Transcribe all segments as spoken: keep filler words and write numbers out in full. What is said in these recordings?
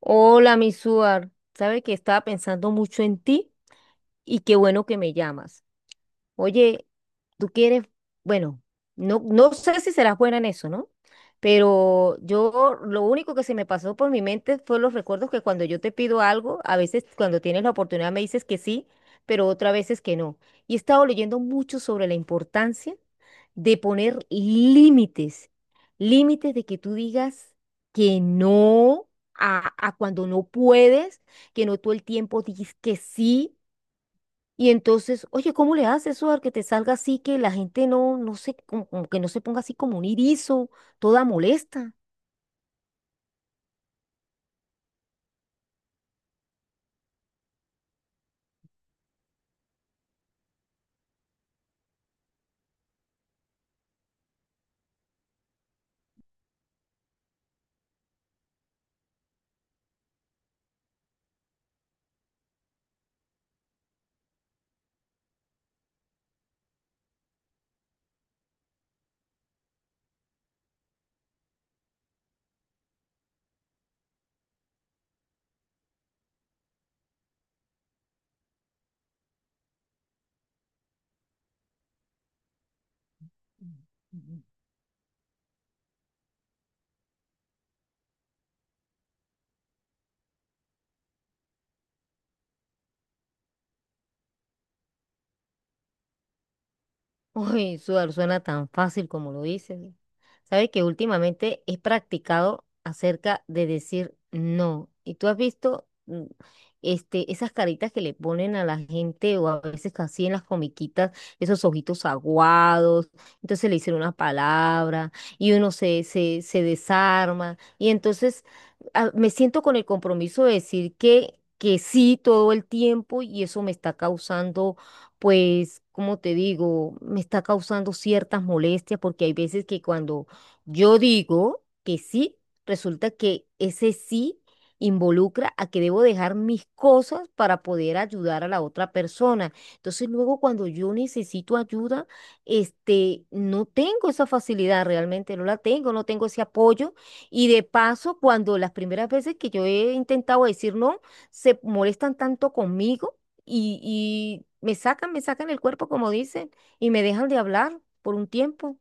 Hola, mi Suar. Sabe que estaba pensando mucho en ti y qué bueno que me llamas. Oye, tú quieres, bueno, no, no sé si serás buena en eso, ¿no? Pero yo lo único que se me pasó por mi mente fue los recuerdos que cuando yo te pido algo, a veces cuando tienes la oportunidad me dices que sí, pero otras veces que no. Y he estado leyendo mucho sobre la importancia de poner límites, límites de que tú digas que no a, a cuando no puedes, que no todo el tiempo dices que sí y entonces, oye, ¿cómo le haces, Suar, que te salga así, que la gente no, no se, como, como que no se ponga así como un irizo, toda molesta? Uy, sudar suena tan fácil como lo dices. Sabes que últimamente he practicado acerca de decir no. Y tú has visto mm, este, esas caritas que le ponen a la gente o a veces casi en las comiquitas, esos ojitos aguados. Entonces le dicen una palabra y uno se, se, se desarma. Y entonces ah, me siento con el compromiso de decir que, que sí todo el tiempo y eso me está causando pues, como te digo, me está causando ciertas molestias porque hay veces que cuando yo digo que sí, resulta que ese sí involucra a que debo dejar mis cosas para poder ayudar a la otra persona. Entonces, luego cuando yo necesito ayuda, este, no tengo esa facilidad realmente, no la tengo, no tengo ese apoyo. Y de paso, cuando las primeras veces que yo he intentado decir no, se molestan tanto conmigo y, y me sacan, me sacan el cuerpo, como dicen, y me dejan de hablar por un tiempo.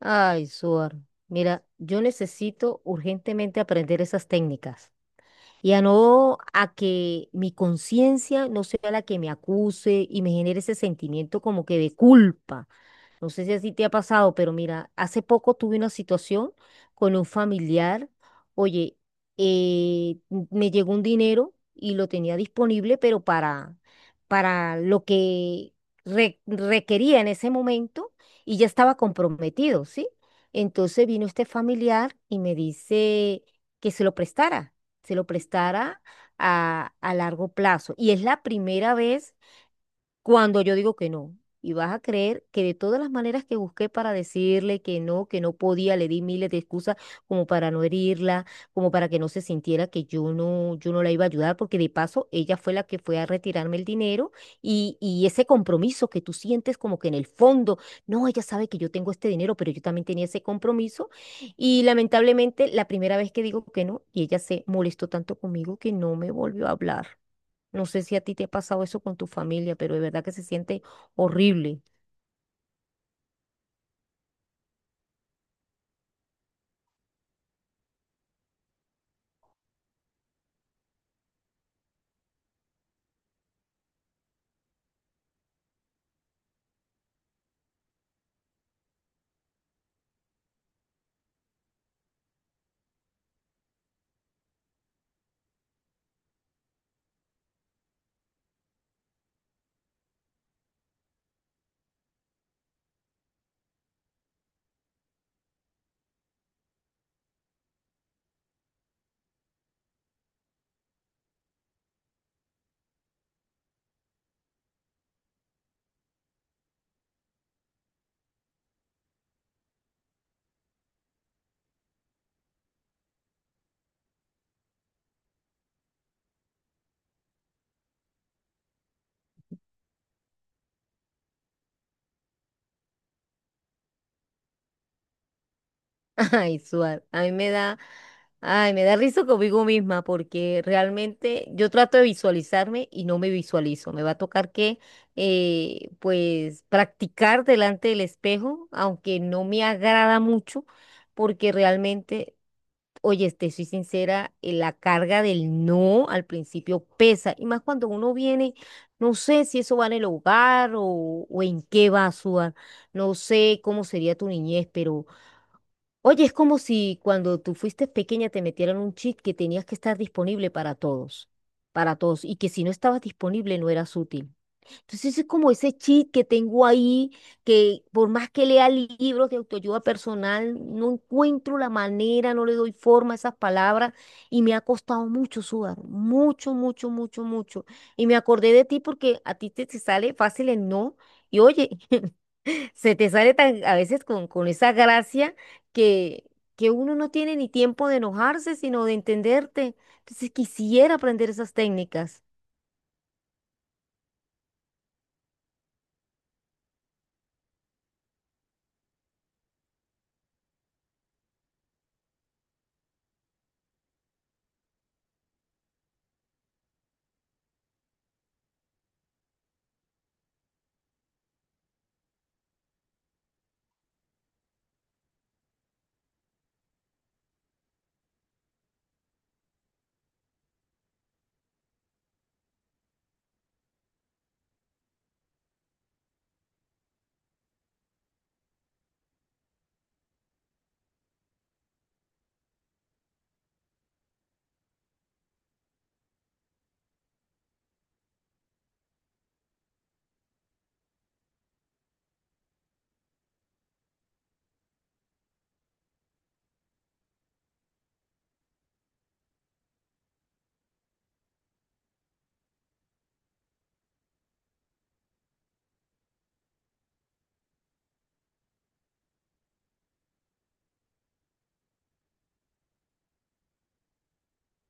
Ay, Suar, mira, yo necesito urgentemente aprender esas técnicas y a no a que mi conciencia no sea la que me acuse y me genere ese sentimiento como que de culpa. No sé si así te ha pasado, pero mira, hace poco tuve una situación con un familiar. Oye, eh, me llegó un dinero y lo tenía disponible, pero para, para lo que re- requería en ese momento y ya estaba comprometido, ¿sí? Entonces vino este familiar y me dice que se lo prestara, se lo prestara a, a largo plazo. Y es la primera vez cuando yo digo que no. Y vas a creer que de todas las maneras que busqué para decirle que no, que no podía, le di miles de excusas como para no herirla, como para que no se sintiera que yo no, yo no la iba a ayudar, porque de paso ella fue la que fue a retirarme el dinero y, y ese compromiso que tú sientes como que en el fondo, no, ella sabe que yo tengo este dinero, pero yo también tenía ese compromiso. Y lamentablemente la primera vez que digo que no, y ella se molestó tanto conmigo que no me volvió a hablar. No sé si a ti te ha pasado eso con tu familia, pero de verdad que se siente horrible. Ay, Suar, a mí me da, ay, me da risa conmigo misma porque realmente yo trato de visualizarme y no me visualizo. Me va a tocar que, eh, pues, practicar delante del espejo, aunque no me agrada mucho, porque realmente oye, te soy sincera, eh, la carga del no al principio pesa, y más cuando uno viene, no sé si eso va en el hogar o, o en qué va a sudar, no sé cómo sería tu niñez, pero oye, es como si cuando tú fuiste pequeña te metieran un chip que tenías que estar disponible para todos, para todos, y que si no estabas disponible no eras útil. Entonces es como ese cheat que tengo ahí, que por más que lea libros de autoayuda personal, no encuentro la manera, no le doy forma a esas palabras y me ha costado mucho sudar, mucho, mucho, mucho, mucho. Y me acordé de ti porque a ti te, te sale fácil el no y oye, se te sale tan, a veces con, con esa gracia que, que uno no tiene ni tiempo de enojarse, sino de entenderte. Entonces quisiera aprender esas técnicas.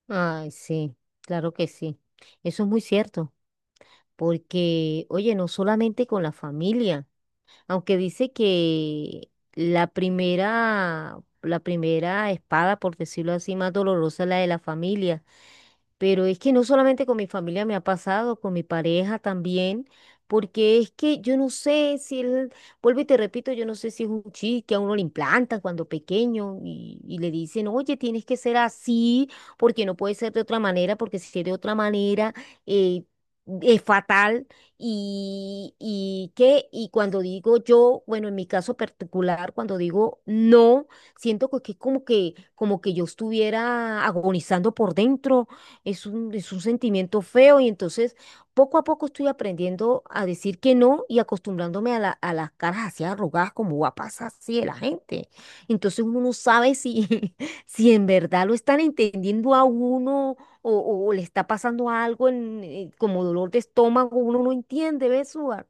Ay, sí, claro que sí. Eso es muy cierto, porque, oye, no solamente con la familia, aunque dice que la primera, la primera espada, por decirlo así, más dolorosa es la de la familia. Pero es que no solamente con mi familia me ha pasado, con mi pareja también, porque es que yo no sé si él, vuelvo y te repito, yo no sé si es un chip que a uno le implantan cuando pequeño y, y le dicen, oye, tienes que ser así, porque no puede ser de otra manera, porque si es de otra manera, eh, es fatal. Y, y qué y cuando digo yo, bueno, en mi caso particular, cuando digo no, siento que es como que, como que yo estuviera agonizando por dentro. Es un, es un sentimiento feo y entonces poco a poco estoy aprendiendo a decir que no y acostumbrándome a, la- a las caras así arrugadas como guapas así de la gente. Entonces uno no sabe si, si en verdad lo están entendiendo a uno o, o o le está pasando algo en, eh, como dolor de estómago, uno no entiende, ¿ves, Suar?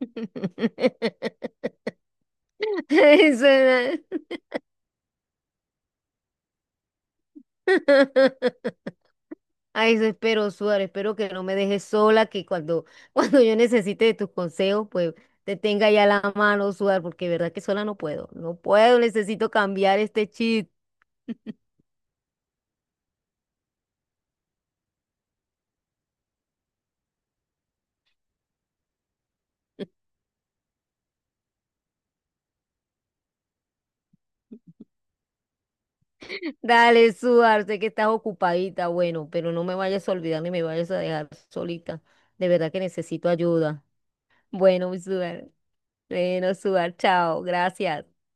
Eso era. Ay, eso espero, Suárez. Espero que no me dejes sola, que cuando, cuando yo necesite de tus consejos, pues te tenga ya la mano, Suárez, porque de verdad que sola no puedo. No puedo, necesito cambiar este chip. Dale, Suárez, sé que estás ocupadita, bueno, pero no me vayas a olvidar ni me vayas a dejar solita. De verdad que necesito ayuda. Bueno, Suárez. Bueno, Suárez, chao. Gracias.